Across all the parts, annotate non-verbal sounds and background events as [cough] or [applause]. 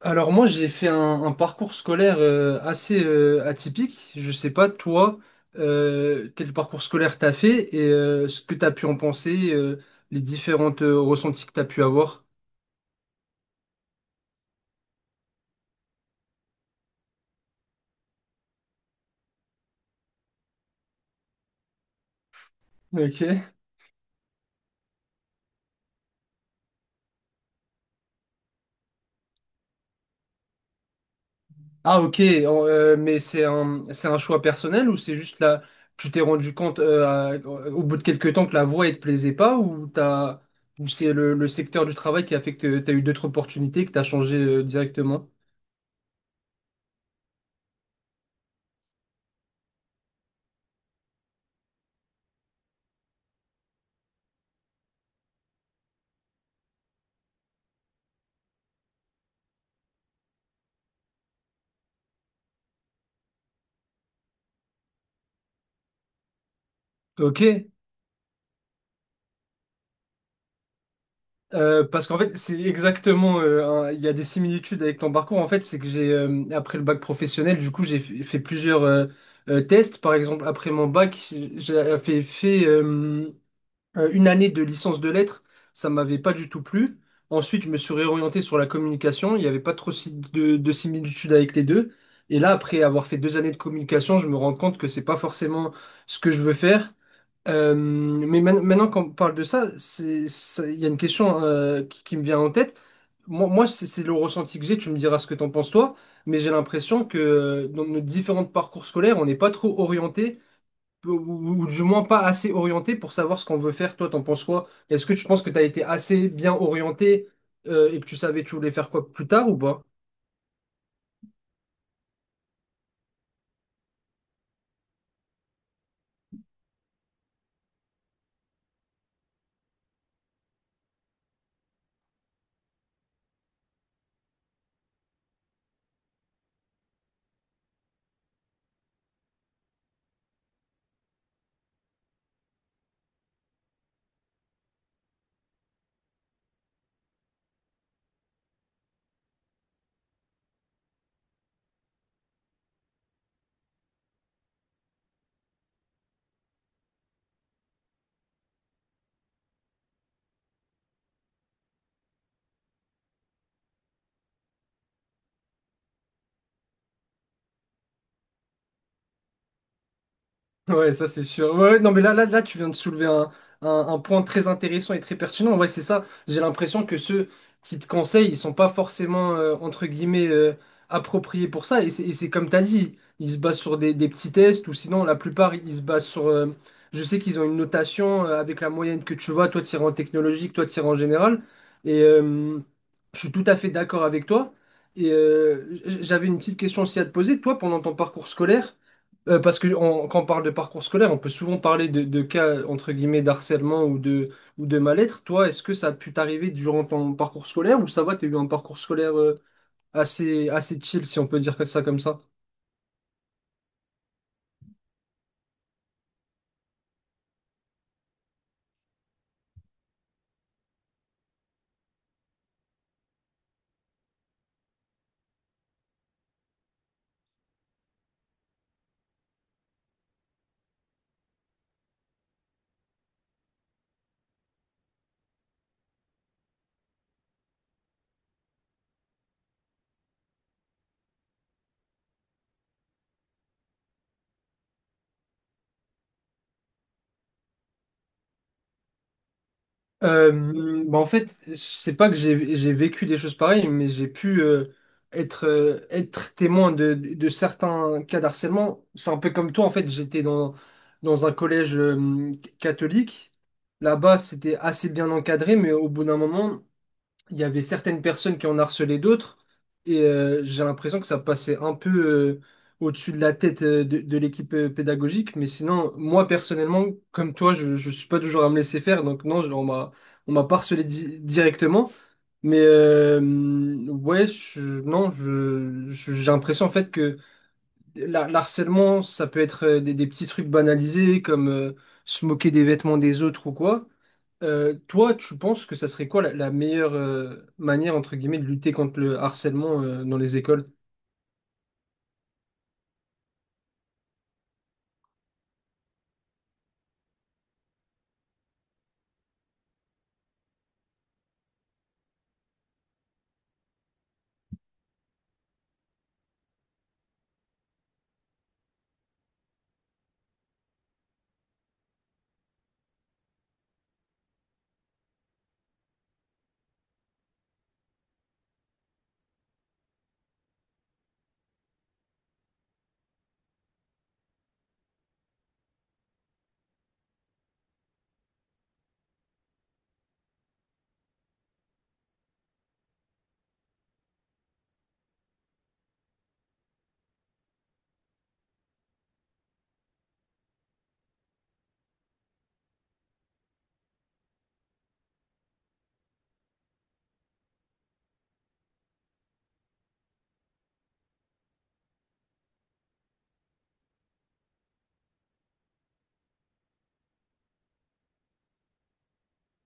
Alors moi j'ai fait un parcours scolaire assez atypique. Je sais pas toi quel parcours scolaire t'as fait et ce que t'as pu en penser, les différentes ressentis que t'as pu avoir. Ok. Ah ok, mais c'est un choix personnel ou c'est juste là tu t'es rendu compte au bout de quelques temps que la voie elle te plaisait pas ou t'as ou c'est le secteur du travail qui a fait que t'as eu d'autres opportunités que t'as changé directement? Ok. Parce qu'en fait, c'est exactement. Il y a des similitudes avec ton parcours. En fait, c'est que j'ai après le bac professionnel, du coup, j'ai fait plusieurs tests. Par exemple, après mon bac, j'ai fait une année de licence de lettres. Ça m'avait pas du tout plu. Ensuite, je me suis réorienté sur la communication. Il n'y avait pas trop de similitudes avec les deux. Et là, après avoir fait 2 années de communication, je me rends compte que c'est pas forcément ce que je veux faire. Mais maintenant qu'on parle de ça, il y a une question qui me vient en tête. Moi, c'est le ressenti que j'ai, tu me diras ce que t'en penses toi, mais j'ai l'impression que dans nos différents parcours scolaires, on n'est pas trop orienté, ou du moins pas assez orienté pour savoir ce qu'on veut faire. Toi, t'en penses quoi? Est-ce que tu penses que t'as été assez bien orienté et que tu savais que tu voulais faire quoi plus tard ou pas? Ouais, ça c'est sûr. Ouais, ouais, non, mais là, tu viens de soulever un point très intéressant et très pertinent. Ouais, c'est ça. J'ai l'impression que ceux qui te conseillent, ils sont pas forcément, entre guillemets, appropriés pour ça. Et c'est comme tu as dit, ils se basent sur des petits tests ou sinon, la plupart, ils se basent sur. Je sais qu'ils ont une notation avec la moyenne que tu vois, toi, tu en technologique, toi, tu en général. Et je suis tout à fait d'accord avec toi. Et j'avais une petite question aussi à te poser. Toi, pendant ton parcours scolaire, parce que quand on parle de parcours scolaire, on peut souvent parler de cas entre guillemets d'harcèlement ou de mal-être. Toi, est-ce que ça a pu t'arriver durant ton parcours scolaire ou ça va, t'as eu un parcours scolaire assez, assez chill, si on peut dire que ça comme ça? Bah en fait, c'est pas que j'ai vécu des choses pareilles, mais j'ai pu être, être témoin de, de certains cas d'harcèlement. C'est un peu comme toi, en fait, dans un collège catholique. Là-bas, c'était assez bien encadré, mais au bout d'un moment, il y avait certaines personnes qui en harcelaient d'autres, et j'ai l'impression que ça passait un peu au-dessus de la tête de l'équipe pédagogique, mais sinon, moi personnellement, comme toi, je ne suis pas toujours à me laisser faire, donc non, on m'a, on m'a pas harcelé directement, mais ouais, je- non, je- j'ai l'impression en fait que l'harcèlement, ça peut être des petits trucs banalisés, comme se moquer des vêtements des autres ou quoi. Toi, tu penses que ça serait quoi la meilleure manière, entre guillemets, de lutter contre le harcèlement dans les écoles?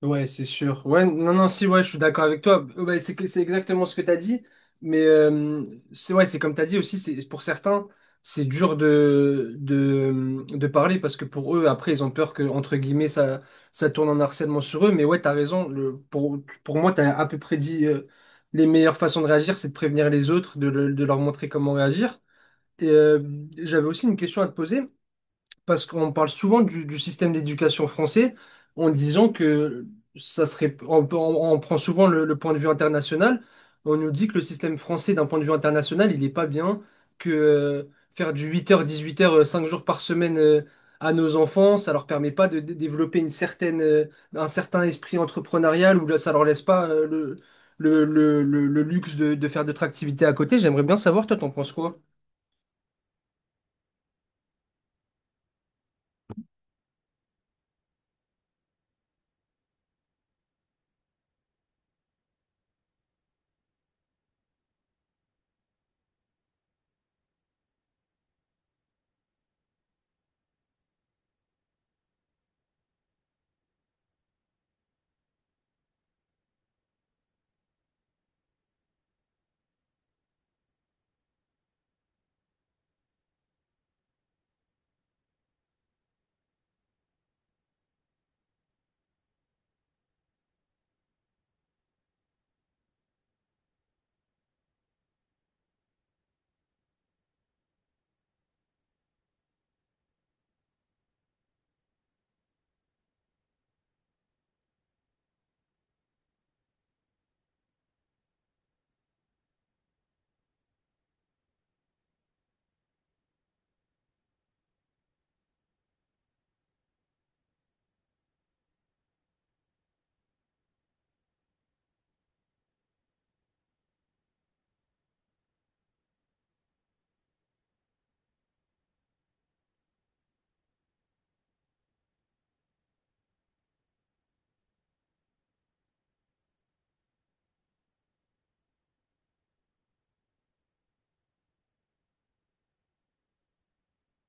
Ouais, c'est sûr. Ouais, non, non, si, ouais, je suis d'accord avec toi. Ouais, c'est exactement ce que tu as dit. Mais c'est ouais, c'est comme tu as dit aussi, c'est pour certains, c'est dur de, de parler parce que pour eux, après, ils ont peur que, entre guillemets, ça tourne en harcèlement sur eux. Mais ouais, tu as raison. Pour moi, tu as à peu près dit les meilleures façons de réagir, c'est de prévenir les autres, de leur montrer comment réagir. Et, j'avais aussi une question à te poser, parce qu'on parle souvent du système d'éducation français en disant que ça serait. On prend souvent le point de vue international. On nous dit que le système français, d'un point de vue international, il n'est pas bien, que faire du 8 heures 18 heures 5 jours par semaine à nos enfants, ça leur permet pas de, développer une certaine, un certain esprit entrepreneurial ou là, ça leur laisse pas le luxe de faire d'autres activités à côté. J'aimerais bien savoir, toi, t'en penses quoi?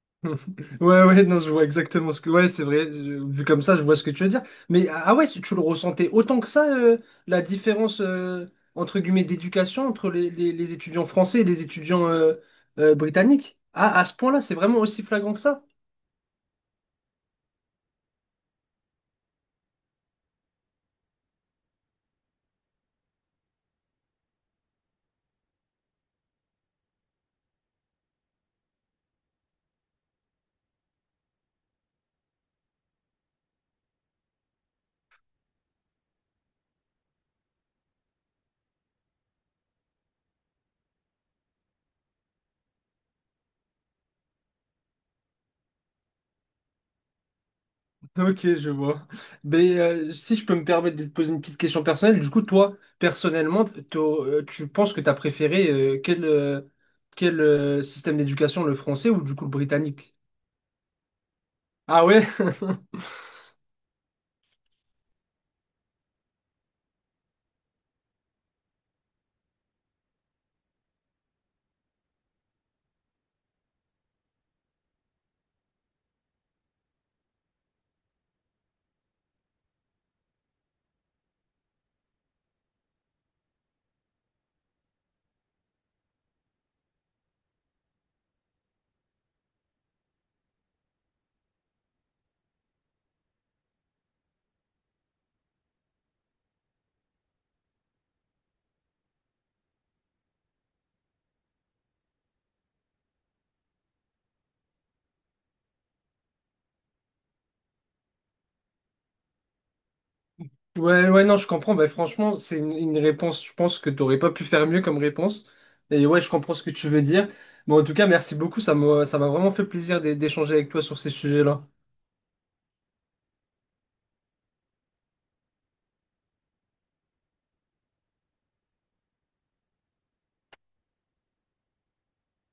[laughs] Ouais, ouais, non, je vois exactement ce que. Ouais, c'est vrai, vu comme ça, je vois ce que tu veux dire. Mais ah ah ouais, tu le ressentais autant que ça, la différence, entre guillemets, d'éducation entre les étudiants français et les étudiants britanniques? Ah, à ce point-là, c'est vraiment aussi flagrant que ça? Ok, je vois. Mais si je peux me permettre de te poser une petite question personnelle, du coup, toi, personnellement, tu penses que tu as préféré quel système d'éducation, le français ou du coup le britannique? Ah ouais? [laughs] Ouais, ouais, non, je comprends. Bah, franchement, c'est une réponse, je pense que t'aurais pas pu faire mieux comme réponse. Et ouais, je comprends ce que tu veux dire. Bon, en tout cas, merci beaucoup. Ça m'a vraiment fait plaisir d'échanger avec toi sur ces sujets-là.